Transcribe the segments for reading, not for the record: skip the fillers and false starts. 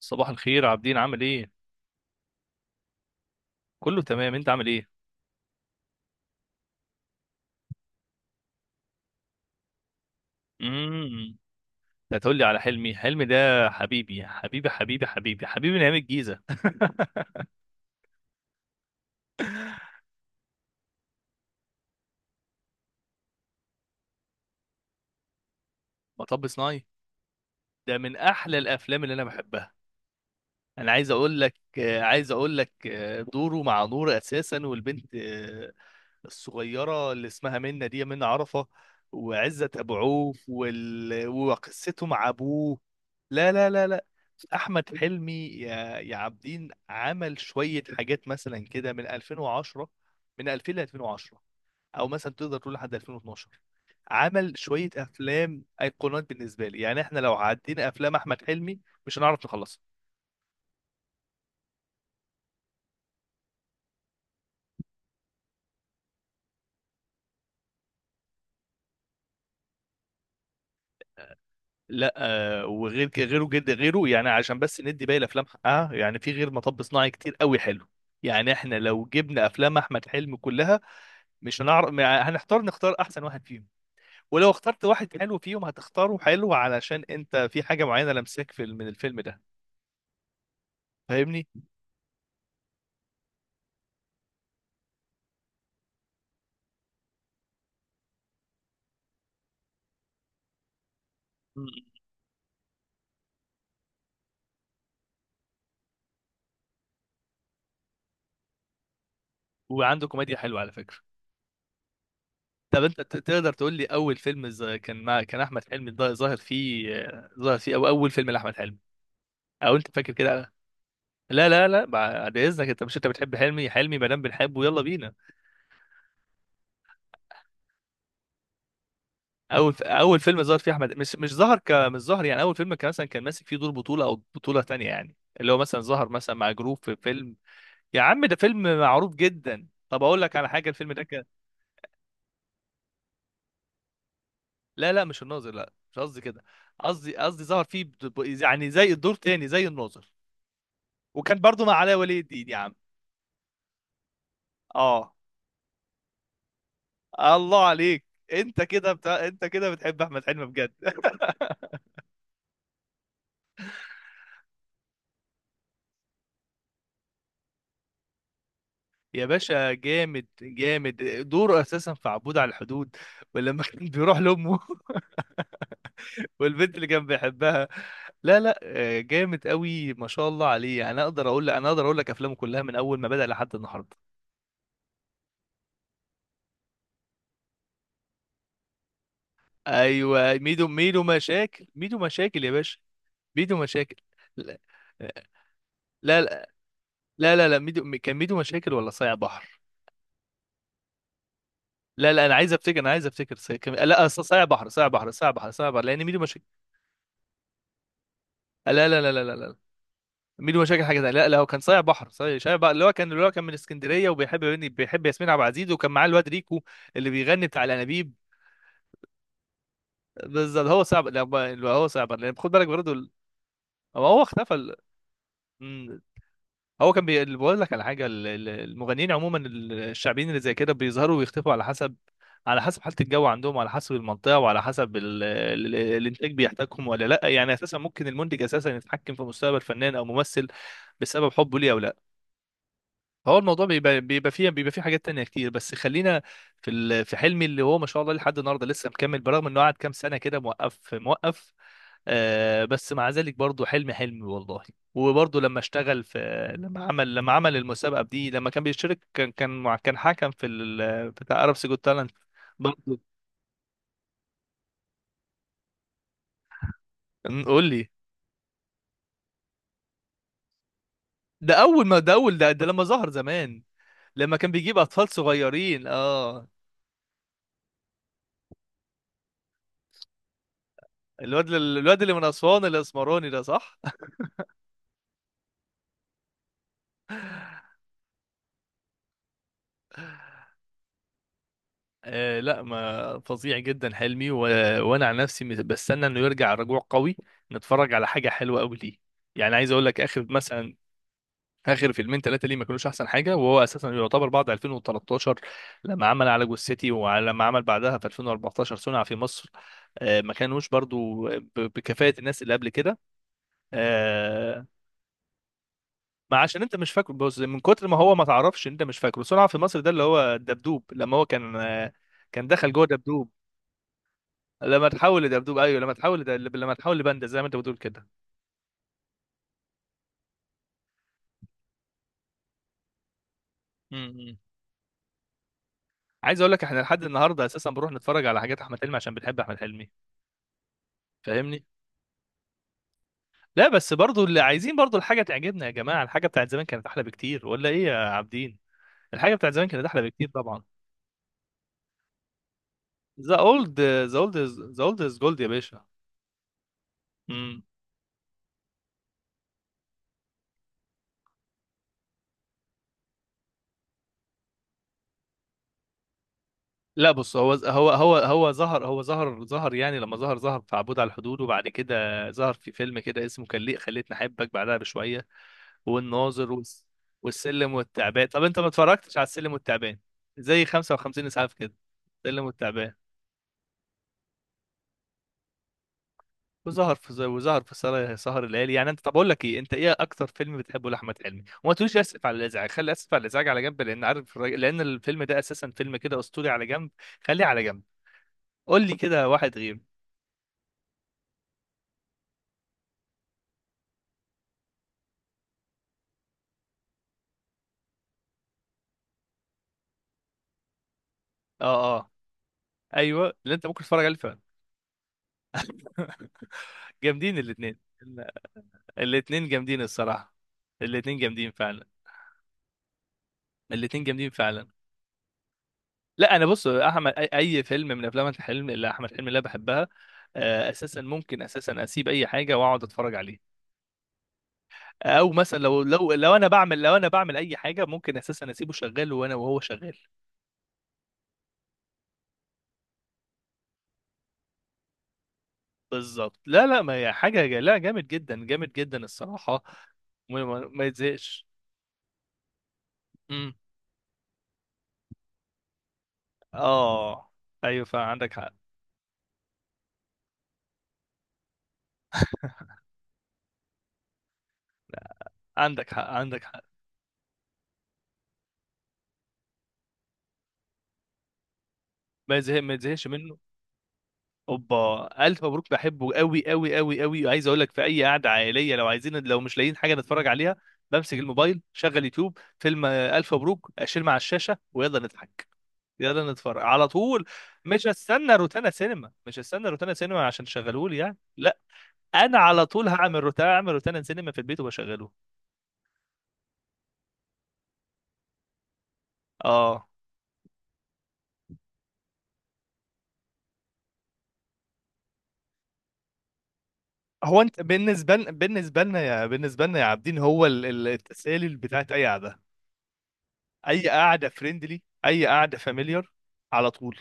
صباح الخير عابدين، عامل ايه؟ كله تمام، انت عامل ايه؟ امم انت هتقول لي على حلمي. حلمي ده حبيبي حبيبي حبيبي حبيبي حبيبي نعيم الجيزه. مطب صناعي ده من احلى الافلام اللي انا بحبها. انا عايز اقول لك، عايز اقول لك، دوره مع نور اساسا، والبنت، الصغيره اللي اسمها منى، دي منى عرفه، وعزت ابو عوف وقصته مع ابوه. لا لا لا لا، احمد حلمي يا عابدين عمل شويه حاجات مثلا كده من 2010، من 2000 ل 2010، او مثلا تقدر تقول لحد 2012. عمل شويه افلام ايقونات بالنسبه لي. يعني احنا لو عدينا افلام احمد حلمي مش هنعرف نخلصها. لا، وغير غيره، جد غيره يعني، عشان بس ندي باقي الافلام حقها. يعني في غير مطب صناعي كتير قوي حلو. يعني احنا لو جبنا افلام احمد حلمي كلها مش هنعرف، هنحتار نختار احسن واحد فيهم. ولو اخترت واحد حلو فيهم هتختاره حلو علشان انت في حاجه معينه لمساك في من الفيلم ده. فاهمني؟ مم. وعنده كوميديا حلوه على فكره. طب انت تقدر تقول لي اول فيلم كان كان احمد حلمي ظاهر فيه، ظاهر فيه، او اول فيلم لاحمد حلمي، او انت فاكر كده؟ لا لا لا، بعد اذنك، انت بتحب حلمي. حلمي ما دام بنحبه يلا بينا. اول فيلم ظهر فيه احمد، مش ظهر، يعني اول فيلم كان مثلا، ماسك فيه دور بطوله او بطوله تانية، يعني اللي هو مثلا ظهر مثلا مع جروب في فيلم. يا عم ده فيلم معروف جدا. طب اقول لك على حاجه، الفيلم ده كان... لا لا، مش الناظر، لا مش قصدي كده. قصدي ظهر فيه يعني زي الدور تاني زي الناظر. وكان برضو مع علاء ولي الدين يا عم. اه، الله عليك. انت كده بتحب احمد حلمي بجد. يا باشا جامد جامد، دوره اساسا في عبود على الحدود. ولما كان بيروح لامه والبنت اللي كان بيحبها. لا لا، جامد قوي ما شاء الله عليه. انا اقدر اقول لك افلامه كلها من اول ما بدأ لحد النهارده. ايوه، ميدو، ميدو مشاكل، ميدو مشاكل يا باشا. ميدو مشاكل. لا لا لا لا لا لا. كان ميدو مشاكل ولا صايع بحر؟ لا لا، انا عايز افتكر، لا صايع بحر، صايع بحر، صايع بحر، صايع بحر، لان ميدو مشاكل... لا لا لا لا لا لا لا. ميدو مشاكل حاجه تانية. لا لا، هو كان صايع بحر، صايع بحر، اللي هو كان من اسكندريه، بيحب ياسمين عبد العزيز، وكان معاه الواد ريكو اللي بيغني بتاع الانابيب. بالظبط. هو صعب لا ب- هو صعب لان خد بالك برضه هو اختفى. بقول لك على حاجه، المغنيين عموما، الشعبيين اللي زي كده بيظهروا ويختفوا على حسب، على حسب حاله الجو عندهم، وعلى حسب المنطقه، وعلى حسب الانتاج بيحتاجهم ولا لا. يعني اساسا ممكن المنتج اساسا يتحكم في مستقبل فنان او ممثل بسبب حبه ليه او لا. فهو الموضوع بيبقى، بيبقى فيه حاجات تانية كتير، بس خلينا في في حلمي اللي هو ما شاء الله لحد النهارده لسه مكمل. برغم انه قعد كام سنه كده موقف موقف، بس مع ذلك برضو حلمي والله. وبرضو لما اشتغل في، لما عمل المسابقة دي، لما كان بيشترك، كان كان حكم في بتاع عرب سيجو تالنت برضو. قول لي. ده اول ما ده اول ده, ده لما ظهر زمان، لما كان بيجيب اطفال صغيرين. اه، الواد الواد اللي من اسوان الاسمراني ده، صح؟ آه، لا ما فظيع جدا حلمي وانا عن نفسي، بستنى انه يرجع رجوع قوي، نتفرج على حاجة حلوة قوي ليه. يعني عايز اقول لك، اخر فيلمين ثلاثه ليه ما كانوش احسن حاجه، وهو اساسا يعتبر بعد 2013 لما عمل على جوز سيتي، ولما عمل بعدها في 2014 صنع في مصر، ما كانوش برضو بكفاءه الناس اللي قبل كده. آه، ما عشان انت مش فاكره، بص، من كتر ما هو ما تعرفش انت مش فاكره. صنع في مصر ده اللي هو دبدوب، لما هو كان كان دخل جوه دبدوب. لما تحول لدبدوب، ايوه، لما لما تحول لباندا زي ما انت بتقول كده. م- م. عايز اقول لك، احنا لحد النهارده اساسا بنروح نتفرج على حاجات احمد حلمي عشان بنحب احمد حلمي. فاهمني؟ لا بس برضو اللي عايزين برضو الحاجة تعجبنا يا جماعة. الحاجة بتاعت زمان كانت أحلى بكتير، ولا إيه يا عابدين؟ الحاجة بتاعت زمان كانت أحلى بكتير طبعا. ذا أولد ذا أولد ذا أولد از جولد يا باشا. امم لا بص، هو هو ظهر، هو ظهر يعني، لما ظهر، ظهر في عبود على الحدود، وبعد كده ظهر في فيلم كده اسمه كان ليه خليتني أحبك بعدها بشوية، والناظر والسلم والتعبان. طب أنت ما اتفرجتش على السلم والتعبان زي 55 إسعاف كده؟ السلم والتعبان. وظهر في سهر الليالي يعني. انت، طب اقول لك ايه، انت ايه اكتر فيلم بتحبه لاحمد حلمي، وما تقوليش اسف على الازعاج، خلي اسف على الازعاج على جنب لان عارف لان الفيلم ده اساسا فيلم كده اسطوري، على جنب، خليه على جنب، قول لي كده واحد غير. اه اه، ايوه اللي انت ممكن تتفرج عليه فعلا. جامدين الاثنين. الاثنين جامدين الصراحه. الاثنين جامدين فعلا. الاثنين جامدين فعلا. لا انا بص، احمد اي أي فيلم من افلام احمد حلمي، اللي أنا بحبها، اساسا ممكن اساسا اسيب اي حاجه واقعد اتفرج عليه. او مثلا، لو انا بعمل، اي حاجه، ممكن اساسا اسيبه شغال وانا وهو شغال. بالظبط. لا لا، ما هي حاجه لا جامد جدا، جامد جدا الصراحه. ما يتزهقش. امم اه ايوه، فعندك حق، عندك حق، عندك حق. ما يتزهقش منه. اوبا، الف مبروك، بحبه قوي قوي قوي قوي. وعايز اقول لك، في اي قعده عائليه، لو عايزين لو مش لاقيين حاجه نتفرج عليها، بمسك الموبايل، شغل يوتيوب فيلم، الف مبروك، اشيل مع الشاشه ويلا نضحك. يلا نتفرج على طول. مش هستنى روتانا سينما، مش هستنى روتانا سينما عشان تشغلهولي يعني، لا، انا على طول هعمل روتانا، اعمل روتانا سينما في البيت وبشغله. اه، هو انت بالنسبه لنا، بالنسبه لنا يا عابدين، هو التسالي بتاعت اي قعده، اي قعده فريندلي، اي قعده فاميليار، على طول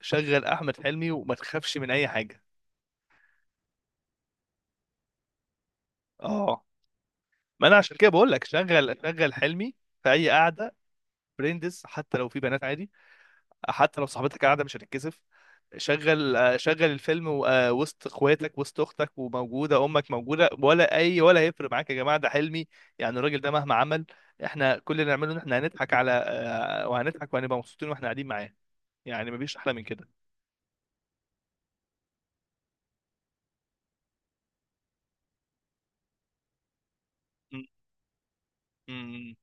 شغل احمد حلمي، وما تخافش من اي حاجه. اه، ما انا عشان كده بقول لك شغل، حلمي في اي قعده فريندز، حتى لو في بنات عادي، حتى لو صاحبتك قاعده مش هتتكسف. شغل، شغل الفيلم وسط اخواتك وسط اختك، وموجوده امك موجوده، ولا اي ولا هيفرق معاك؟ يا جماعه ده حلمي. يعني الراجل ده مهما عمل، احنا كل اللي نعمله ان احنا هنضحك على، وهنضحك وهنبقى مبسوطين واحنا قاعدين معاه، يعني مفيش احلى من كده. م- م-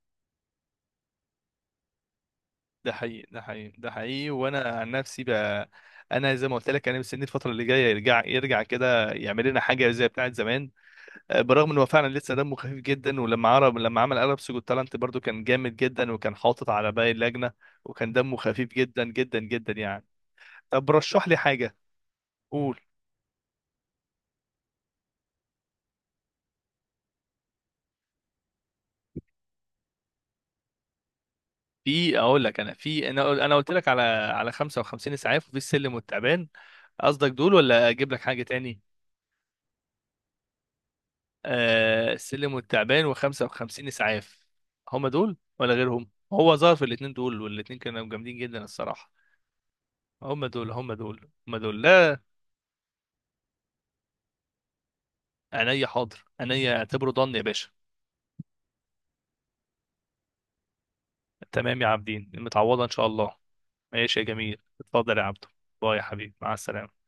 ده حقيقي، ده حقيقي، ده حقيقي. وانا عن نفسي بقى، انا زي ما قلت لك، انا مستني الفتره اللي جايه يرجع، يرجع كده، يعمل لنا حاجه زي بتاعه زمان. برغم ان هو فعلا لسه دمه خفيف جدا، ولما عرب لما عمل عرب سجود تالنت برضو كان جامد جدا، وكان حاطط على باقي اللجنه، وكان دمه خفيف جدا جدا جدا يعني. طب رشح لي حاجه. قول. في، انا قلت لك على، 55 اسعاف، وفي السلم والتعبان. قصدك دول ولا اجيب لك حاجه تاني؟ آه السلم والتعبان، وخمسة وخمسين إسعاف. هم دول ولا غيرهم؟ هو ظهر في الاتنين دول، والاتنين كانوا جامدين جدا الصراحة. هم دول، هم دول، هم دول. لا، عينيا حاضر، عينيا، اعتبره ضن يا باشا. تمام يا عابدين، متعوضة إن شاء الله. ماشي يا جميل، اتفضل يا عبدو. باي يا حبيبي، مع السلامة.